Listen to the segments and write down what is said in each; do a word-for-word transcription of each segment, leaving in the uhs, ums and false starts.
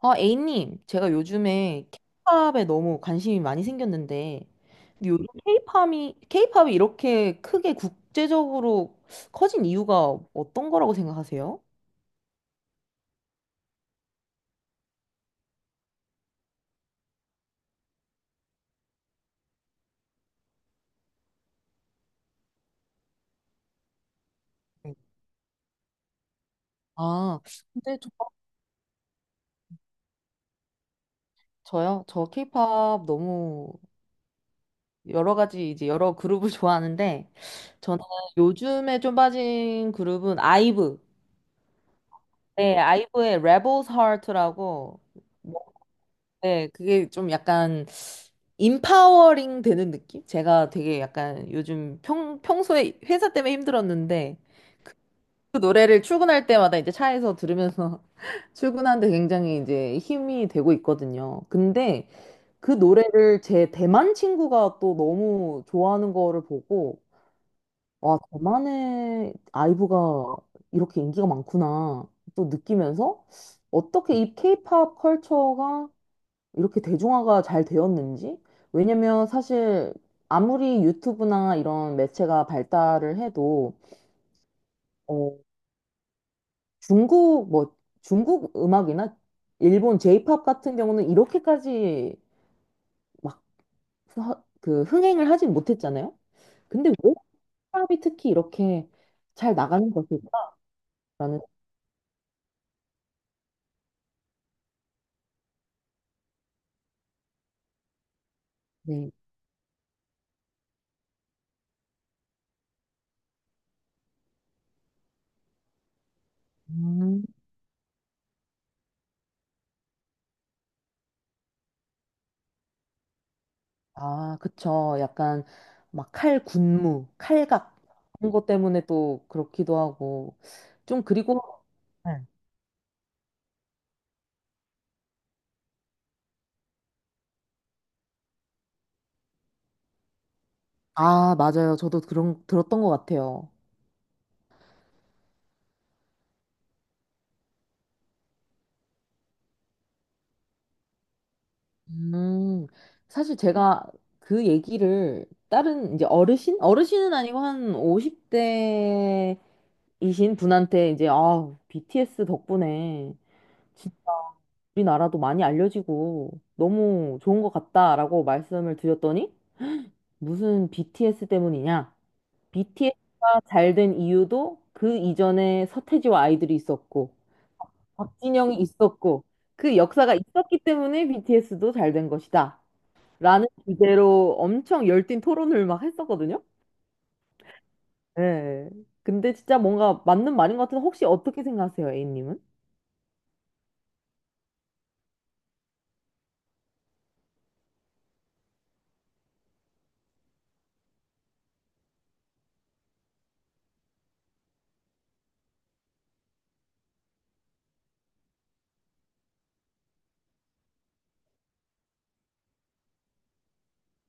아, A님, 제가 요즘에 케이팝에 너무 관심이 많이 생겼는데, 근데 요즘 케이팝이, 케이팝이 이렇게 크게 국제적으로 커진 이유가 어떤 거라고 생각하세요? 아, 근데 저, 저요? 저 케이팝 너무 여러 가지, 이제 여러 그룹을 좋아하는데, 저는 요즘에 좀 빠진 그룹은 아이브. 네, 아이브의 Rebel's Heart라고, 네, 그게 좀 약간 인파워링 되는 느낌? 제가 되게 약간 요즘 평, 평소에 회사 때문에 힘들었는데 그 노래를 출근할 때마다 이제 차에서 들으면서 출근하는데 굉장히 이제 힘이 되고 있거든요. 근데 그 노래를 제 대만 친구가 또 너무 좋아하는 거를 보고 와, 대만의 아이브가 이렇게 인기가 많구나 또 느끼면서 어떻게 이 케이팝 컬처가 이렇게 대중화가 잘 되었는지? 왜냐면 사실 아무리 유튜브나 이런 매체가 발달을 해도 어, 중국 뭐 중국 음악이나 일본 J-pop 같은 경우는 이렇게까지 막 그 흥행을 하진 못했잖아요. 근데 왜 힙합이 특히 이렇게 잘 나가는 것일까라는. 네. 음. 아, 그쵸. 약간 막 칼 군무, 칼각 그런 것 때문에 또 그렇기도 하고 좀 그리고 네. 아, 맞아요. 저도 그런, 들었던 것 같아요. 음, 사실 제가 그 얘기를 다른 이제 어르신? 어르신은 아니고 한 오십 대이신 분한테 이제, 아, 비티에스 덕분에 진짜 우리나라도 많이 알려지고 너무 좋은 것 같다라고 말씀을 드렸더니 무슨 비티에스 때문이냐? 비티에스가 잘 된 이유도 그 이전에 서태지와 아이들이 있었고 박진영이 있었고 그 역사가 있었기 때문에 비티에스도 잘 된 것이다. 라는 주제로 엄청 열띤 토론을 막 했었거든요. 네. 근데 진짜 뭔가 맞는 말인 것 같은데 혹시 어떻게 생각하세요, A님은?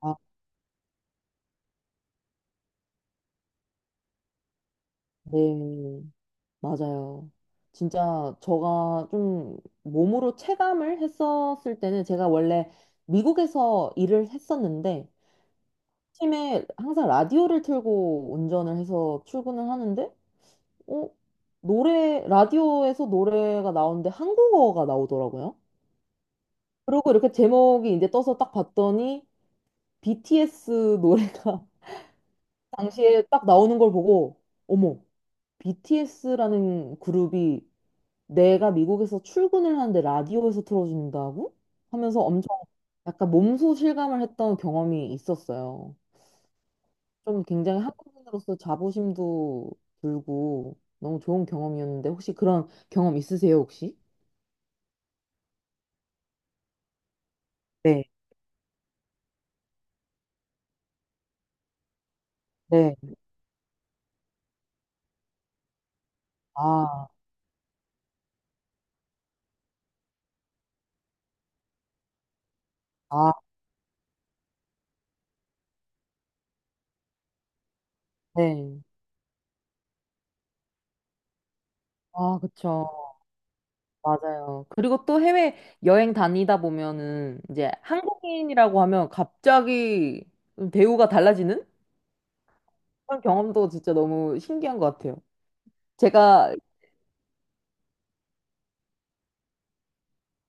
아, 네, 맞아요. 진짜 저가 좀 몸으로 체감을 했었을 때는 제가 원래 미국에서 일을 했었는데 팀에 항상 라디오를 틀고 운전을 해서 출근을 하는데 어? 노래, 라디오에서 노래가 나오는데 한국어가 나오더라고요. 그리고 이렇게 제목이 이제 떠서 딱 봤더니 비티에스 노래가 당시에 딱 나오는 걸 보고, 어머, 비티에스라는 그룹이 내가 미국에서 출근을 하는데 라디오에서 틀어준다고? 하면서 엄청 약간 몸소 실감을 했던 경험이 있었어요. 좀 굉장히 한국인으로서 자부심도 들고 너무 좋은 경험이었는데 혹시 그런 경험 있으세요, 혹시? 네. 네. 아, 아, 네. 아, 그쵸. 맞아요. 그리고 또 해외 여행 다니다 보면은 이제 한국인이라고 하면 갑자기 대우가 달라지는 그런 경험도 진짜 너무 신기한 것 같아요. 제가,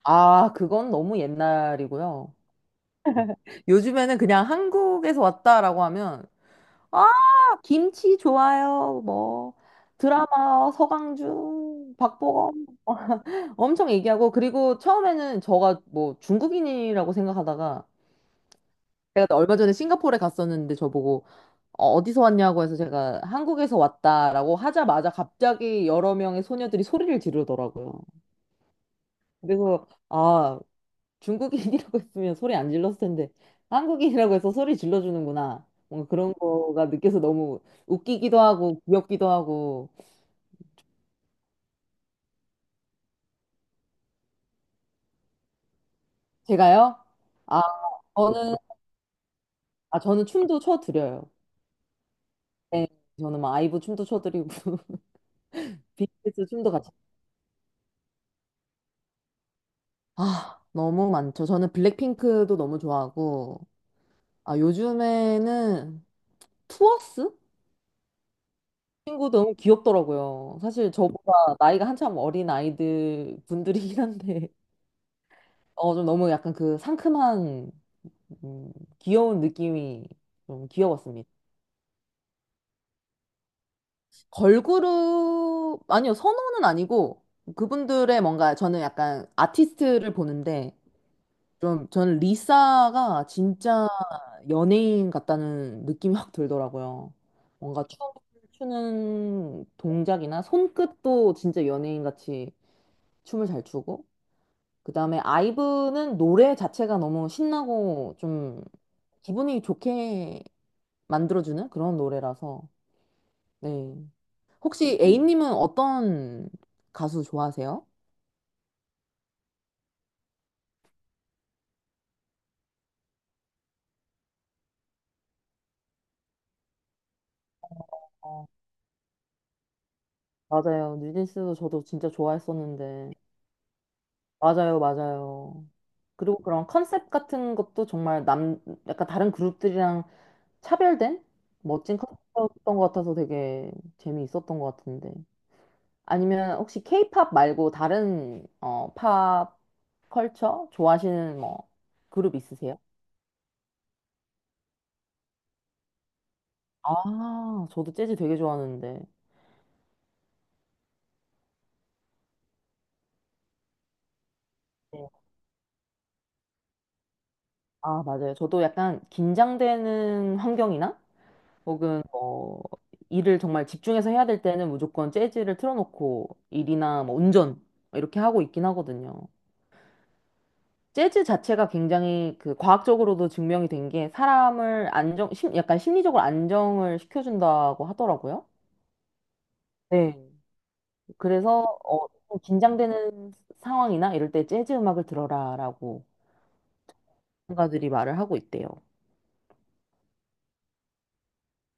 아, 그건 너무 옛날이고요. 요즘에는 그냥 한국에서 왔다라고 하면, 아, 김치 좋아요. 뭐, 드라마, 서강준, 박보검 엄청 얘기하고, 그리고 처음에는 저가 뭐 중국인이라고 생각하다가, 제가 또 얼마 전에 싱가포르에 갔었는데 저보고 어, 어디서 왔냐고 해서 제가 한국에서 왔다라고 하자마자 갑자기 여러 명의 소녀들이 소리를 지르더라고요. 그래서 아, 중국인이라고 했으면 소리 안 질렀을 텐데 한국인이라고 해서 소리 질러주는구나. 뭔가 그런 거가 느껴서 너무 웃기기도 하고 귀엽기도 하고. 제가요? 아, 저는 아, 저는 춤도 춰드려요. 네, 저는 막 아이브 춤도 춰드리고 비티에스 춤도 같이. 아, 너무 많죠. 저는 블랙핑크도 너무 좋아하고, 아, 요즘에는 투어스? 친구 너무 귀엽더라고요. 사실 저보다 나이가 한참 어린 아이들 분들이긴 한데, 어, 좀 너무 약간 그 상큼한, 음, 귀여운 느낌이 좀 귀여웠습니다. 걸그룹, 아니요, 선호는 아니고, 그분들의 뭔가 저는 약간 아티스트를 보는데, 좀 저는 리사가 진짜 연예인 같다는 느낌이 확 들더라고요. 뭔가 춤을 추는 동작이나 손끝도 진짜 연예인 같이 춤을 잘 추고, 그다음에 아이브는 노래 자체가 너무 신나고 좀 기분이 좋게 만들어주는 그런 노래라서, 네. 혹시 A님은 어떤 가수 좋아하세요? 어, 맞아요. 뉴진스 저도 진짜 좋아했었는데. 맞아요, 맞아요. 그리고 그런 컨셉 같은 것도 정말 남, 약간 다른 그룹들이랑 차별된 멋진 컨셉이었던 것 같아서 되게 재미있었던 것 같은데. 아니면 혹시 케이팝 말고 다른 어, 팝 컬처 좋아하시는 뭐 그룹 있으세요? 아, 저도 재즈 되게 좋아하는데. 네. 아, 맞아요. 저도 약간 긴장되는 환경이나 혹은 뭐 일을 정말 집중해서 해야 될 때는 무조건 재즈를 틀어놓고 일이나 뭐 운전 이렇게 하고 있긴 하거든요. 재즈 자체가 굉장히 그 과학적으로도 증명이 된 게 사람을 안정, 심, 약간 심리적으로 안정을 시켜준다고 하더라고요. 네. 그래서 어, 좀 긴장되는 상황이나 이럴 때 재즈 음악을 들어라라고 전문가들이 말을 하고 있대요.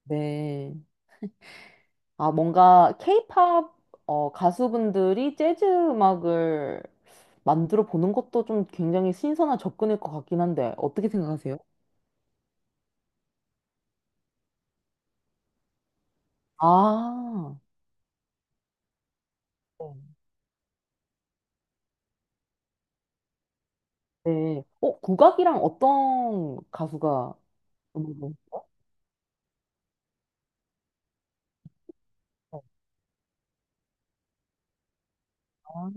네. 아, 뭔가 케이팝 어, 가수분들이 재즈 음악을 만들어 보는 것도 좀 굉장히 신선한 접근일 것 같긴 한데 어떻게 생각하세요? 아, 네. 네. 어, 국악이랑 어떤 가수가 음악을? 어, 아,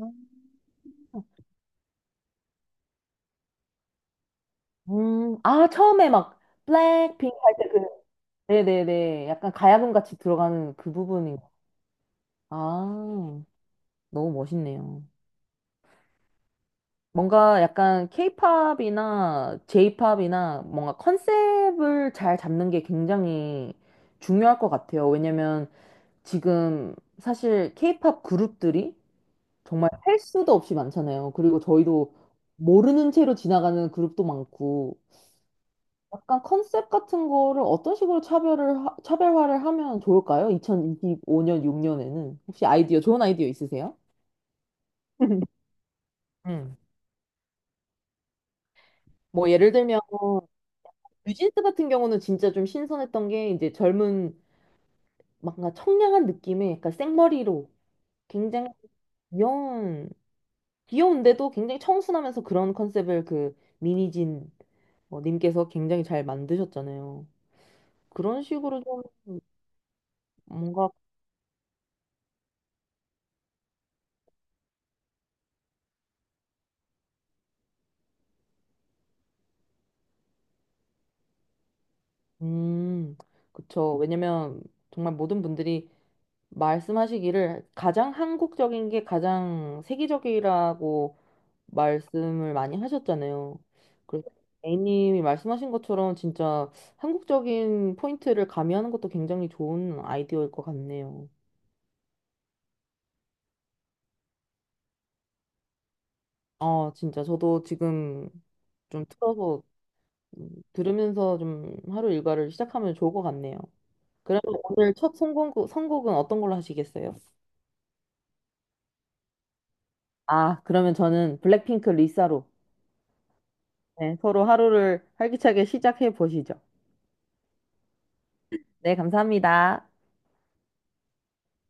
음, 아, 처음에 막 블랙핑크 할 때 그, 네네네. 약간 가야금 같이 들어가는 그 부분이. 아, 너무 멋있네요. 뭔가 약간 케이팝이나 제이팝이나 뭔가 컨셉을 잘 잡는 게 굉장히 중요할 것 같아요. 왜냐면 지금 사실 케이팝 그룹들이 정말 할 수도 없이 많잖아요. 그리고 저희도 모르는 채로 지나가는 그룹도 많고, 약간 컨셉 같은 거를 어떤 식으로 차별을, 하- 차별화를 하면 좋을까요? 이천이십오 년, 육 년에는. 혹시 아이디어, 좋은 아이디어 있으세요? 음. 뭐 예를 들면 뉴진스 같은 경우는 진짜 좀 신선했던 게 이제 젊은 뭔가 청량한 느낌의 약간 생머리로 굉장히 귀여운 귀여운데도 굉장히 청순하면서 그런 컨셉을 그 미니진 어, 님께서 굉장히 잘 만드셨잖아요. 그런 식으로 좀 뭔가. 음, 그쵸. 왜냐면 정말 모든 분들이 말씀하시기를 가장 한국적인 게 가장 세계적이라고 말씀을 많이 하셨잖아요. 그래서 A님이 말씀하신 것처럼 진짜 한국적인 포인트를 가미하는 것도 굉장히 좋은 아이디어일 것 같네요. 아, 진짜 저도 지금 좀 틀어서 음, 들으면서 좀 하루 일과를 시작하면 좋을 것 같네요. 그러면 오늘 첫 선곡, 선곡은 어떤 걸로 하시겠어요? 아, 그러면 저는 블랙핑크 리사로. 네, 서로 하루를 활기차게 시작해 보시죠. 네, 감사합니다.